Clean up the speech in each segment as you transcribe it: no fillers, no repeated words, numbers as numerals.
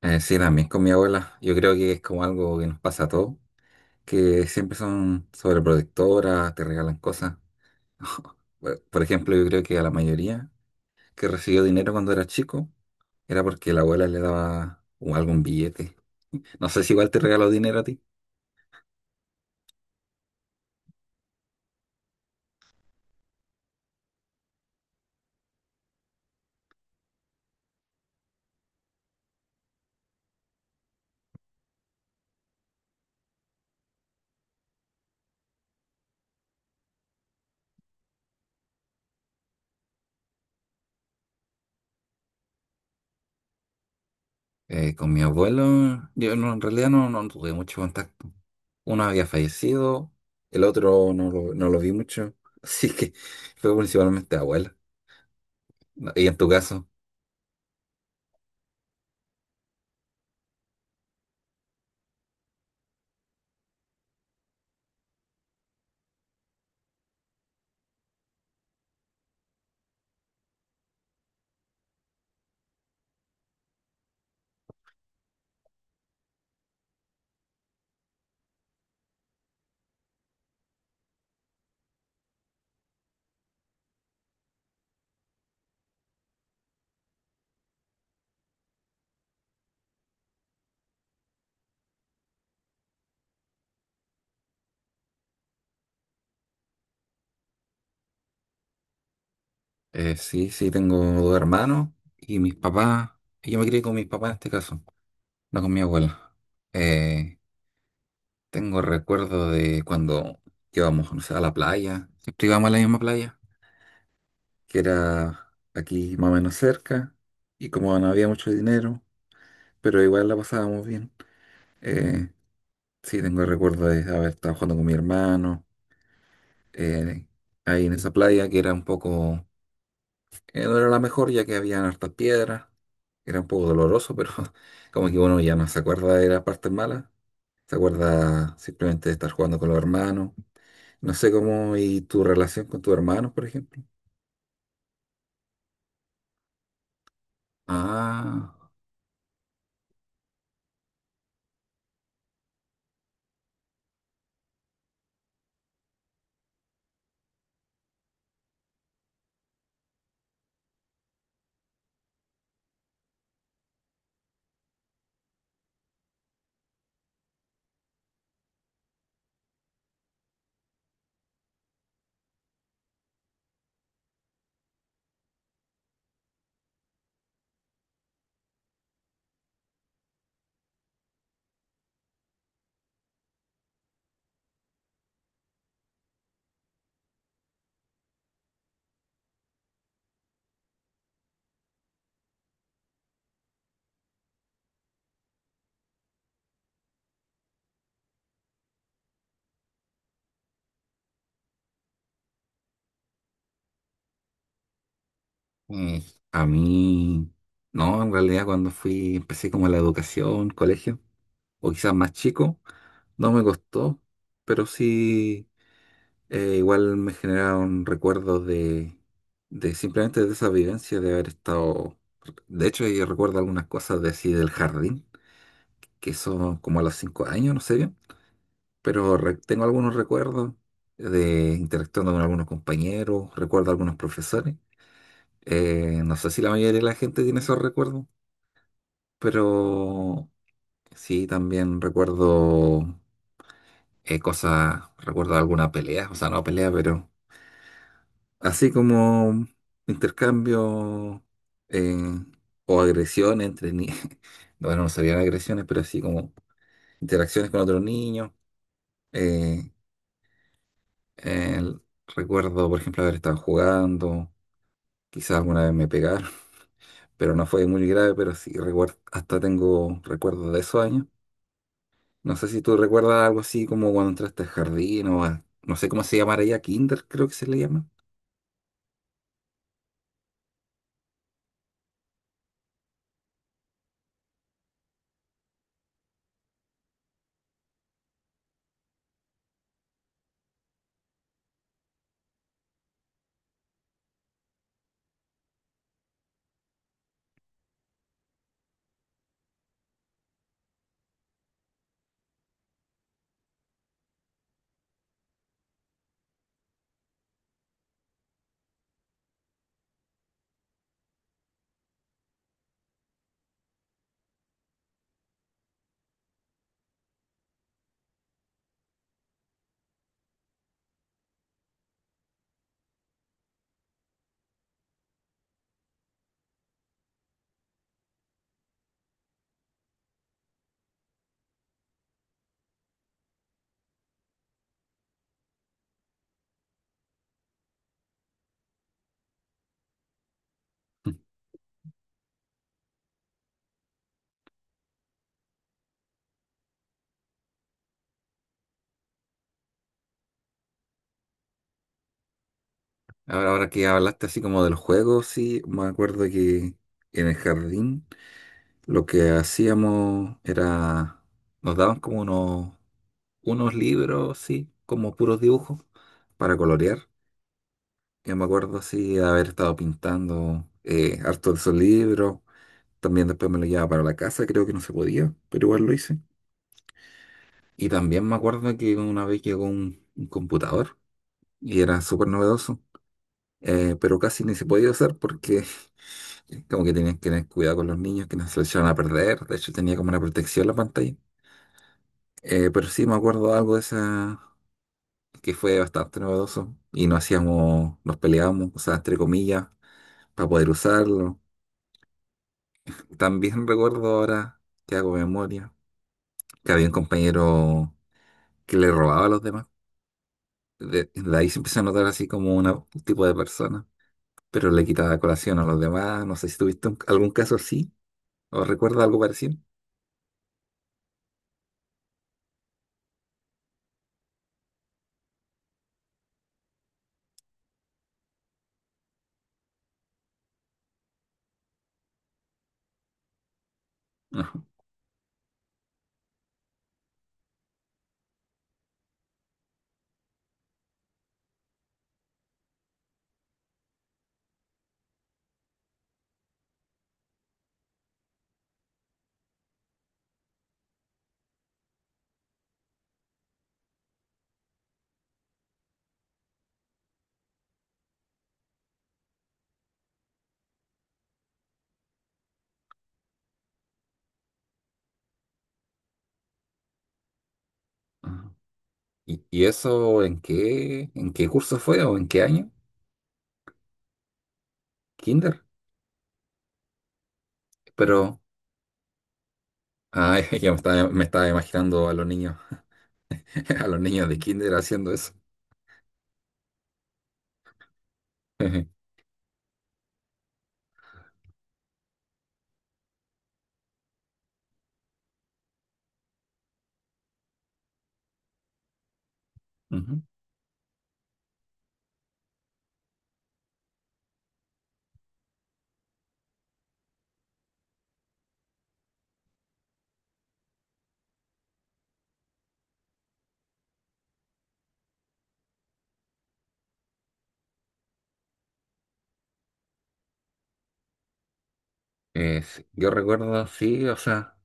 Sí, también con mi abuela. Yo creo que es como algo que nos pasa a todos, que siempre son sobreprotectoras, te regalan cosas. Por ejemplo, yo creo que a la mayoría que recibió dinero cuando era chico era porque la abuela le daba algún billete. No sé si igual te regaló dinero a ti. Con mi abuelo, yo no- en realidad no, no tuve mucho contacto. Uno había fallecido, el otro no lo vi mucho. Así que fue principalmente abuela. No, y en tu caso. Sí, sí, tengo 2 hermanos y mis papás. Yo me crié con mis papás en este caso, no con mi abuela. Eh, Tengo recuerdo de cuando íbamos, no sé, a la playa. Siempre íbamos a la misma playa, que era aquí más o menos cerca. Y como no había mucho dinero, pero igual la pasábamos bien. Eh, sí, tengo recuerdo de haber estado jugando con mi hermano eh, ahí en esa playa que era un poco que no era la mejor ya que había hartas piedras, era un poco doloroso, pero como que uno ya no se acuerda de las partes malas, se acuerda simplemente de estar jugando con los hermanos, no sé cómo, y tu relación con tus hermanos, por ejemplo. Ah, eh, a mí, no, en realidad cuando fui, empecé como la educación, colegio, o quizás más chico, no me costó, pero sí. Igual me generaron recuerdos de simplemente de esa vivencia de haber estado. De hecho, yo recuerdo algunas cosas de así del jardín, que son como a los 5 años, no sé bien, pero tengo algunos recuerdos de interactuando con algunos compañeros, recuerdo algunos profesores. No sé si la mayoría de la gente tiene esos recuerdos, pero sí, también recuerdo cosas, recuerdo alguna pelea, o sea, no pelea, pero así como intercambio eh, o agresiones entre niños. Bueno, no serían agresiones, pero así como interacciones con otros niños. Eh, el- Recuerdo, por ejemplo, haber estado jugando. Quizás alguna vez me pegaron, pero no fue muy grave, pero sí recuerdo, hasta tengo recuerdos de esos años. No sé si tú recuerdas algo así como cuando entraste al jardín o no sé cómo se llamará ya, kinder creo que se le llama. Ahora que hablaste así como de los juegos, sí, me acuerdo que en el jardín lo que hacíamos era, nos daban como unos libros, sí, como puros dibujos para colorear. Yo me acuerdo así de haber estado pintando harto de esos libros. También después me lo llevaba para la casa, creo que no se podía, pero igual lo hice. Y también me acuerdo que una vez llegó un computador y era súper novedoso, pero casi ni se podía usar porque como que tenían que tener cuidado con los niños que no se los echaban a perder. De hecho, tenía como una protección la pantalla. Pero sí me acuerdo de algo de esa que fue bastante novedoso. Y nos hacíamos, nos peleábamos, o sea, entre comillas, para poder usarlo. También recuerdo ahora que hago memoria, que había un compañero que le robaba a los demás. De ahí se empezó a notar así como un tipo de persona, pero le quitaba colación a los demás. No sé si tuviste algún caso así o recuerdas algo parecido. Ajá. ¿ Y eso en en qué curso fue o en qué año? ¿Kinder? Pero, ay, ya me me estaba imaginando a los niños, a los niños de Kinder haciendo eso. Ujú. Sí, yo recuerdo, sí, o sea,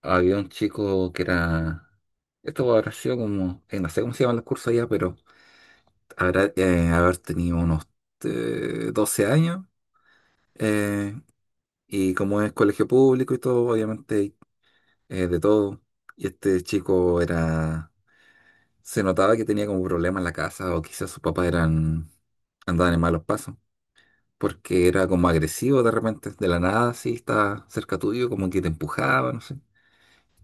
había un chico que era, esto habrá sido como, no sé cómo se llaman los cursos allá, pero habrá haber tenido unos 12 años, eh, y como es colegio público y todo, obviamente de todo, y este chico era, se notaba que tenía como problemas en la casa o quizás sus papás eran, andaban en malos pasos, porque era como agresivo de repente, de la nada, así, estaba cerca tuyo, como que te empujaba, no sé.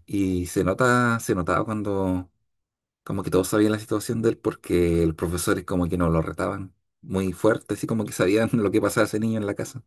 Se notaba cuando como que todos sabían la situación de él porque los profesores como que no lo retaban muy fuerte, así como que sabían lo que pasaba a ese niño en la casa.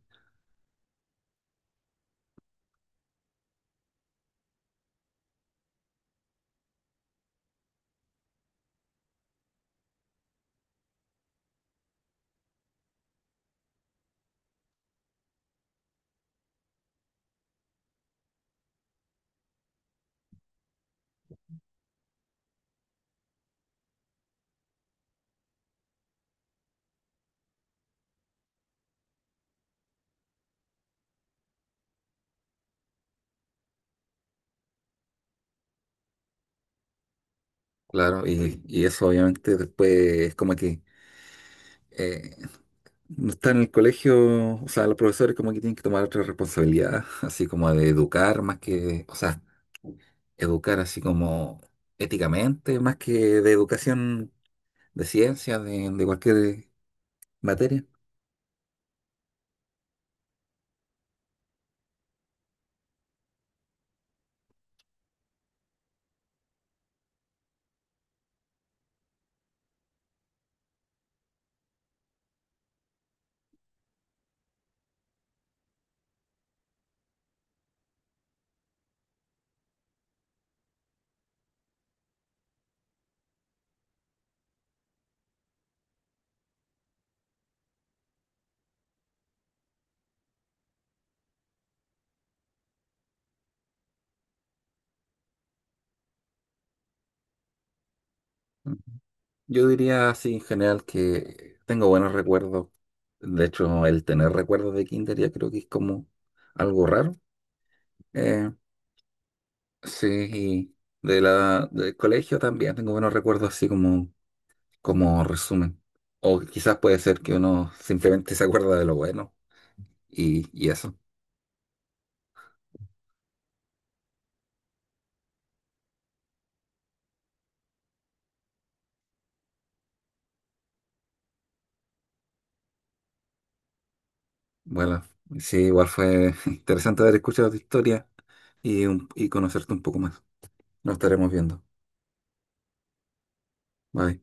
Claro, y eso obviamente después es como que eh, no está en el colegio, o sea, los profesores como que tienen que tomar otra responsabilidad, así como de educar más que, o sea, educar así como éticamente, más que de educación de ciencia, de cualquier materia. Yo diría así en general que tengo buenos recuerdos. De hecho, el tener recuerdos de kinder ya creo que es como algo raro. Eh, sí, y de del colegio también tengo buenos recuerdos así como como resumen. O quizás puede ser que uno simplemente se acuerda de lo bueno y eso. Bueno, sí, igual fue interesante haber escuchado tu historia y, y conocerte un poco más. Nos estaremos viendo. Bye.